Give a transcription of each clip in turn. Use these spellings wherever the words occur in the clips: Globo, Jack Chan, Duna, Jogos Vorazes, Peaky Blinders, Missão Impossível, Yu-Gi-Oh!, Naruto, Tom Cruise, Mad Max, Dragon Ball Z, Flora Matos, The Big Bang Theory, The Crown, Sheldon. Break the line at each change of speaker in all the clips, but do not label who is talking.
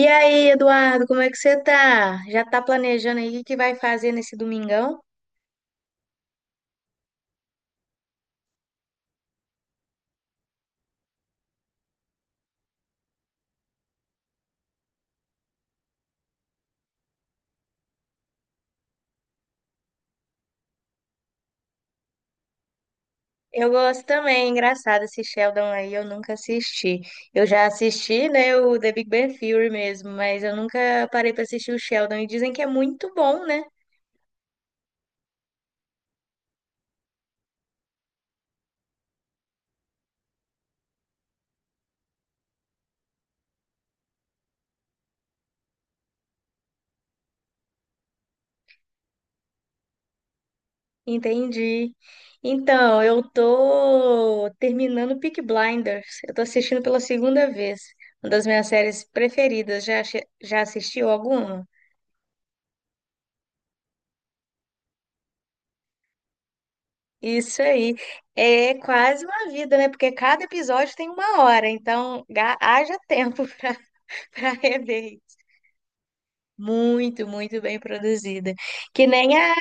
E aí, Eduardo, como é que você tá? Já tá planejando aí o que vai fazer nesse domingão? Eu gosto também, é engraçado esse Sheldon aí, eu nunca assisti. Eu já assisti, né, o The Big Bang Theory mesmo, mas eu nunca parei pra assistir o Sheldon e dizem que é muito bom, né? Entendi. Então, eu tô terminando Peaky Blinders. Eu tô assistindo pela segunda vez. Uma das minhas séries preferidas. Já, já assistiu alguma? Isso aí. É quase uma vida, né? Porque cada episódio tem uma hora, então haja tempo para para rever isso. Muito, muito bem produzida. Que nem a.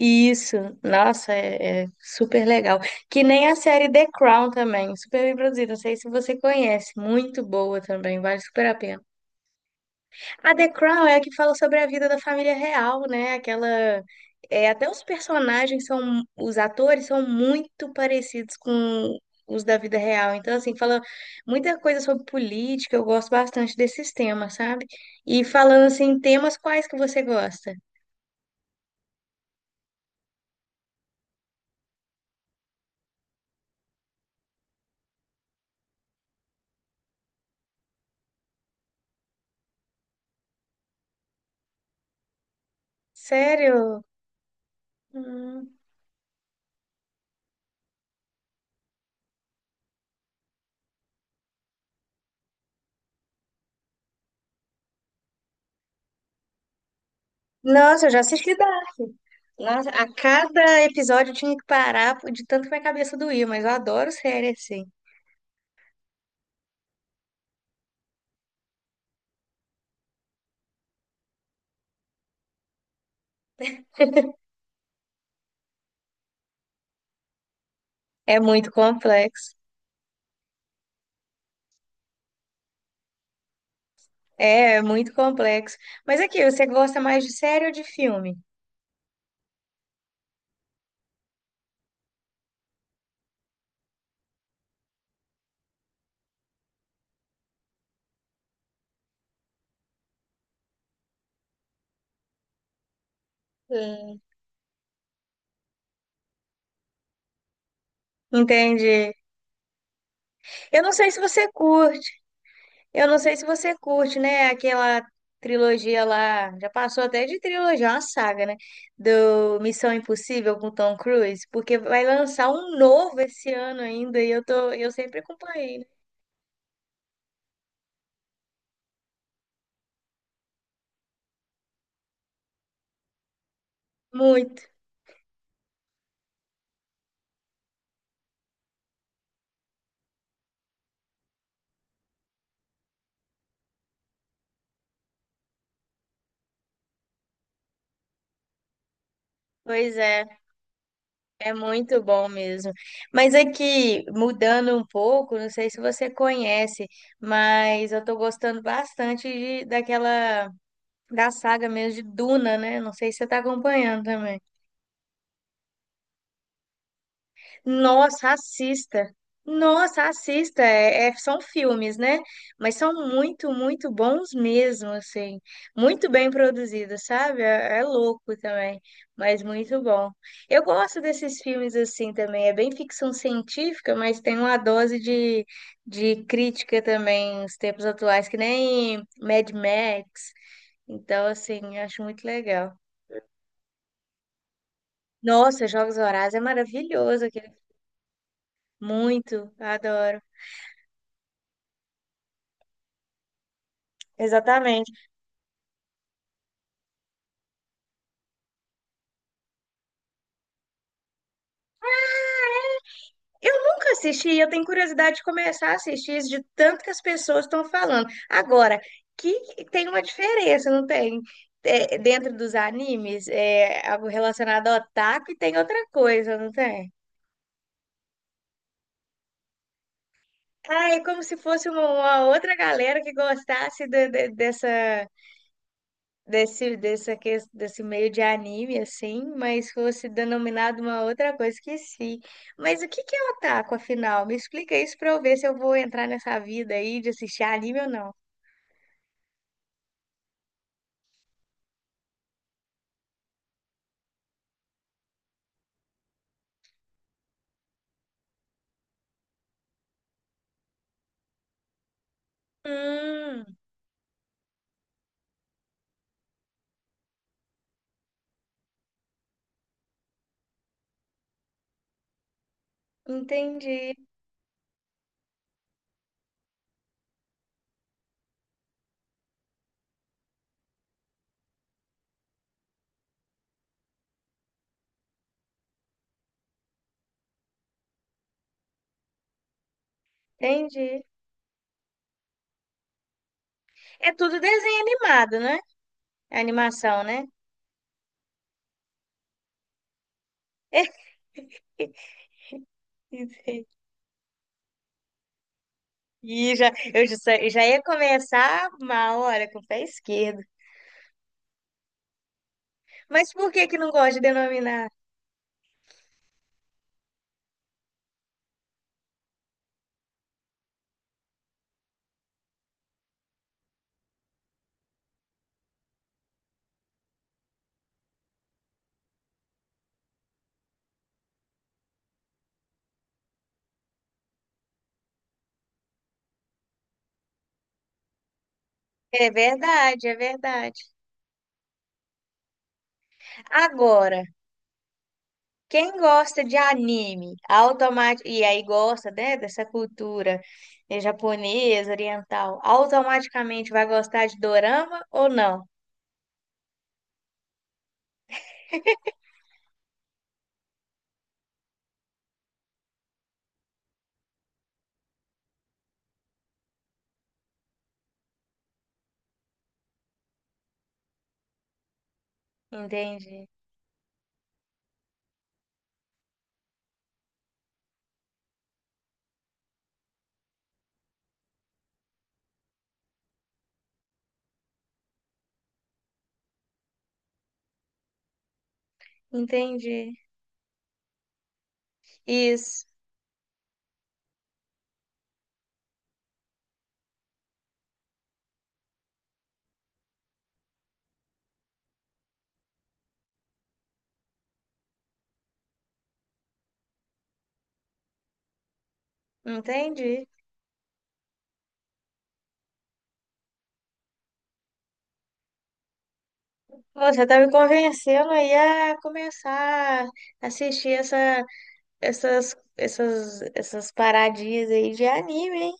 Isso, nossa, é, é super legal. Que nem a série The Crown também, super bem produzida. Não sei se você conhece, muito boa também, vale super a pena. A The Crown é a que fala sobre a vida da família real, né? Aquela. É, até os personagens são. Os atores são muito parecidos com os da vida real. Então, assim, fala muita coisa sobre política. Eu gosto bastante desses temas, sabe? E falando, assim, temas quais que você gosta? Sério? Hum. Nossa, eu já assisti. Nossa, a cada episódio eu tinha que parar de tanto que minha cabeça doía, mas eu adoro série, assim. É muito complexo. É, é muito complexo. Mas aqui, você gosta mais de série ou de filme? Hum. Entendi. Eu não sei se você curte. Eu não sei se você curte, né? Aquela trilogia lá. Já passou até de trilogia, é uma saga, né? Do Missão Impossível com Tom Cruise. Porque vai lançar um novo esse ano ainda. E eu tô, eu sempre acompanhei, né? Muito. Pois é. É muito bom mesmo. Mas aqui, mudando um pouco, não sei se você conhece, mas eu tô gostando bastante daquela, da saga mesmo de Duna, né? Não sei se você tá acompanhando também. Nossa, assista. Nossa, assista. São filmes, né? Mas são muito, muito bons mesmo, assim. Muito bem produzidos, sabe? É, é louco também, mas muito bom. Eu gosto desses filmes assim também. É bem ficção científica, mas tem uma dose de crítica também, os tempos atuais, que nem Mad Max. Então, assim, acho muito legal. Nossa, Jogos Vorazes é maravilhoso aquele. Muito, adoro. Exatamente. Eu nunca assisti, eu tenho curiosidade de começar a assistir de tanto que as pessoas estão falando. Agora, tem uma diferença, não tem? É, dentro dos animes, é algo relacionado ao otaku e tem outra coisa, não tem? Ah, é como se fosse uma outra galera que gostasse dessa. Desse meio de anime, assim, mas fosse denominado uma outra coisa, esqueci. Mas o que que é otaku, afinal? Me explica isso pra eu ver se eu vou entrar nessa vida aí de assistir anime ou não. Hum, entendi, entendi. É tudo desenho animado, né? É animação, né? Entendi. E já, eu já, já ia começar uma hora com o pé esquerdo. Mas por que que não gosta de denominar? É verdade, é verdade. Agora, quem gosta de anime, automaticamente, e aí gosta, né, dessa cultura japonesa, oriental, automaticamente vai gostar de dorama ou não? Entendi. Entendi. Isso. Entendi. Você tá me convencendo aí a começar a assistir essa, essas, essas, essas paradinhas aí de anime, hein?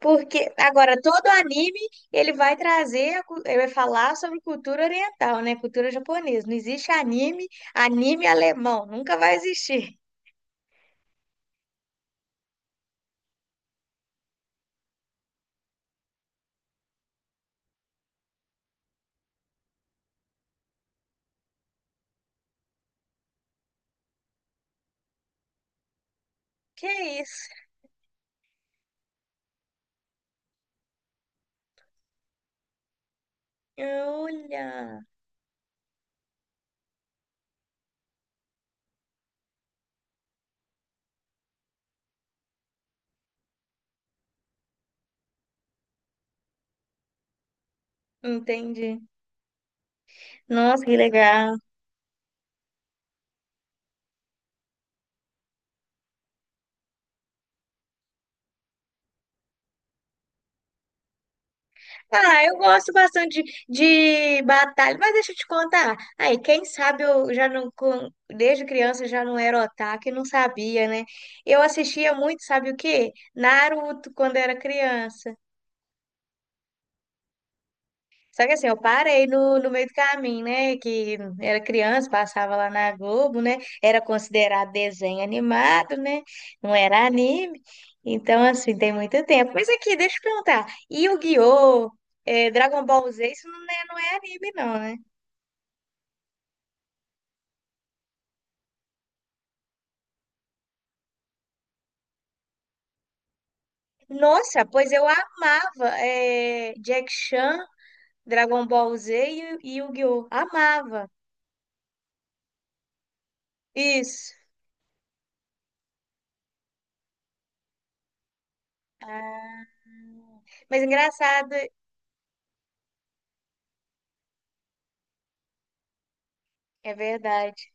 Porque agora todo anime ele vai trazer, a ele vai falar sobre cultura oriental, né? Cultura japonesa. Não existe anime, anime alemão, nunca vai existir. Que isso? Olha, entendi. Nossa, que legal. Ah, eu gosto bastante de batalha, mas deixa eu te contar. Aí, quem sabe eu já não, desde criança eu já não era otaku e não sabia, né? Eu assistia muito, sabe o quê? Naruto quando era criança. Só que assim, eu parei no, no meio do caminho, né? Que era criança, passava lá na Globo, né? Era considerado desenho animado, né? Não era anime. Então, assim, tem muito tempo. Mas aqui, deixa eu perguntar. Yu-Gi-Oh! Dragon Ball Z, isso não é, não é anime, não, né? Nossa, pois eu amava Jack Chan, Dragon Ball Z e Yu-Gi-Oh! Amava. Isso. Mas engraçado, é verdade.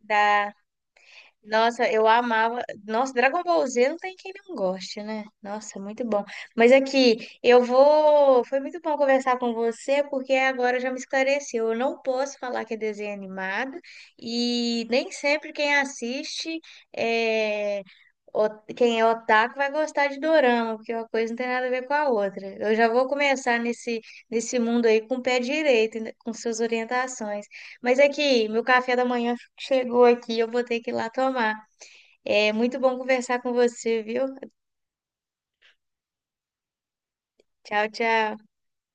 Da Nossa, eu amava. Nossa, Dragon Ball Z não tem quem não goste, né? Nossa, é muito bom. Mas aqui, eu vou. Foi muito bom conversar com você, porque agora já me esclareceu. Eu não posso falar que é desenho animado, e nem sempre quem assiste é. o- Quem é otaku vai gostar de dorama, porque uma coisa não tem nada a ver com a outra. Eu já vou começar nesse, nesse mundo aí com o pé direito, com suas orientações. Mas aqui, meu café da manhã. Chegou aqui, eu vou ter que ir lá tomar. É muito bom conversar com você, viu? Tchau, tchau.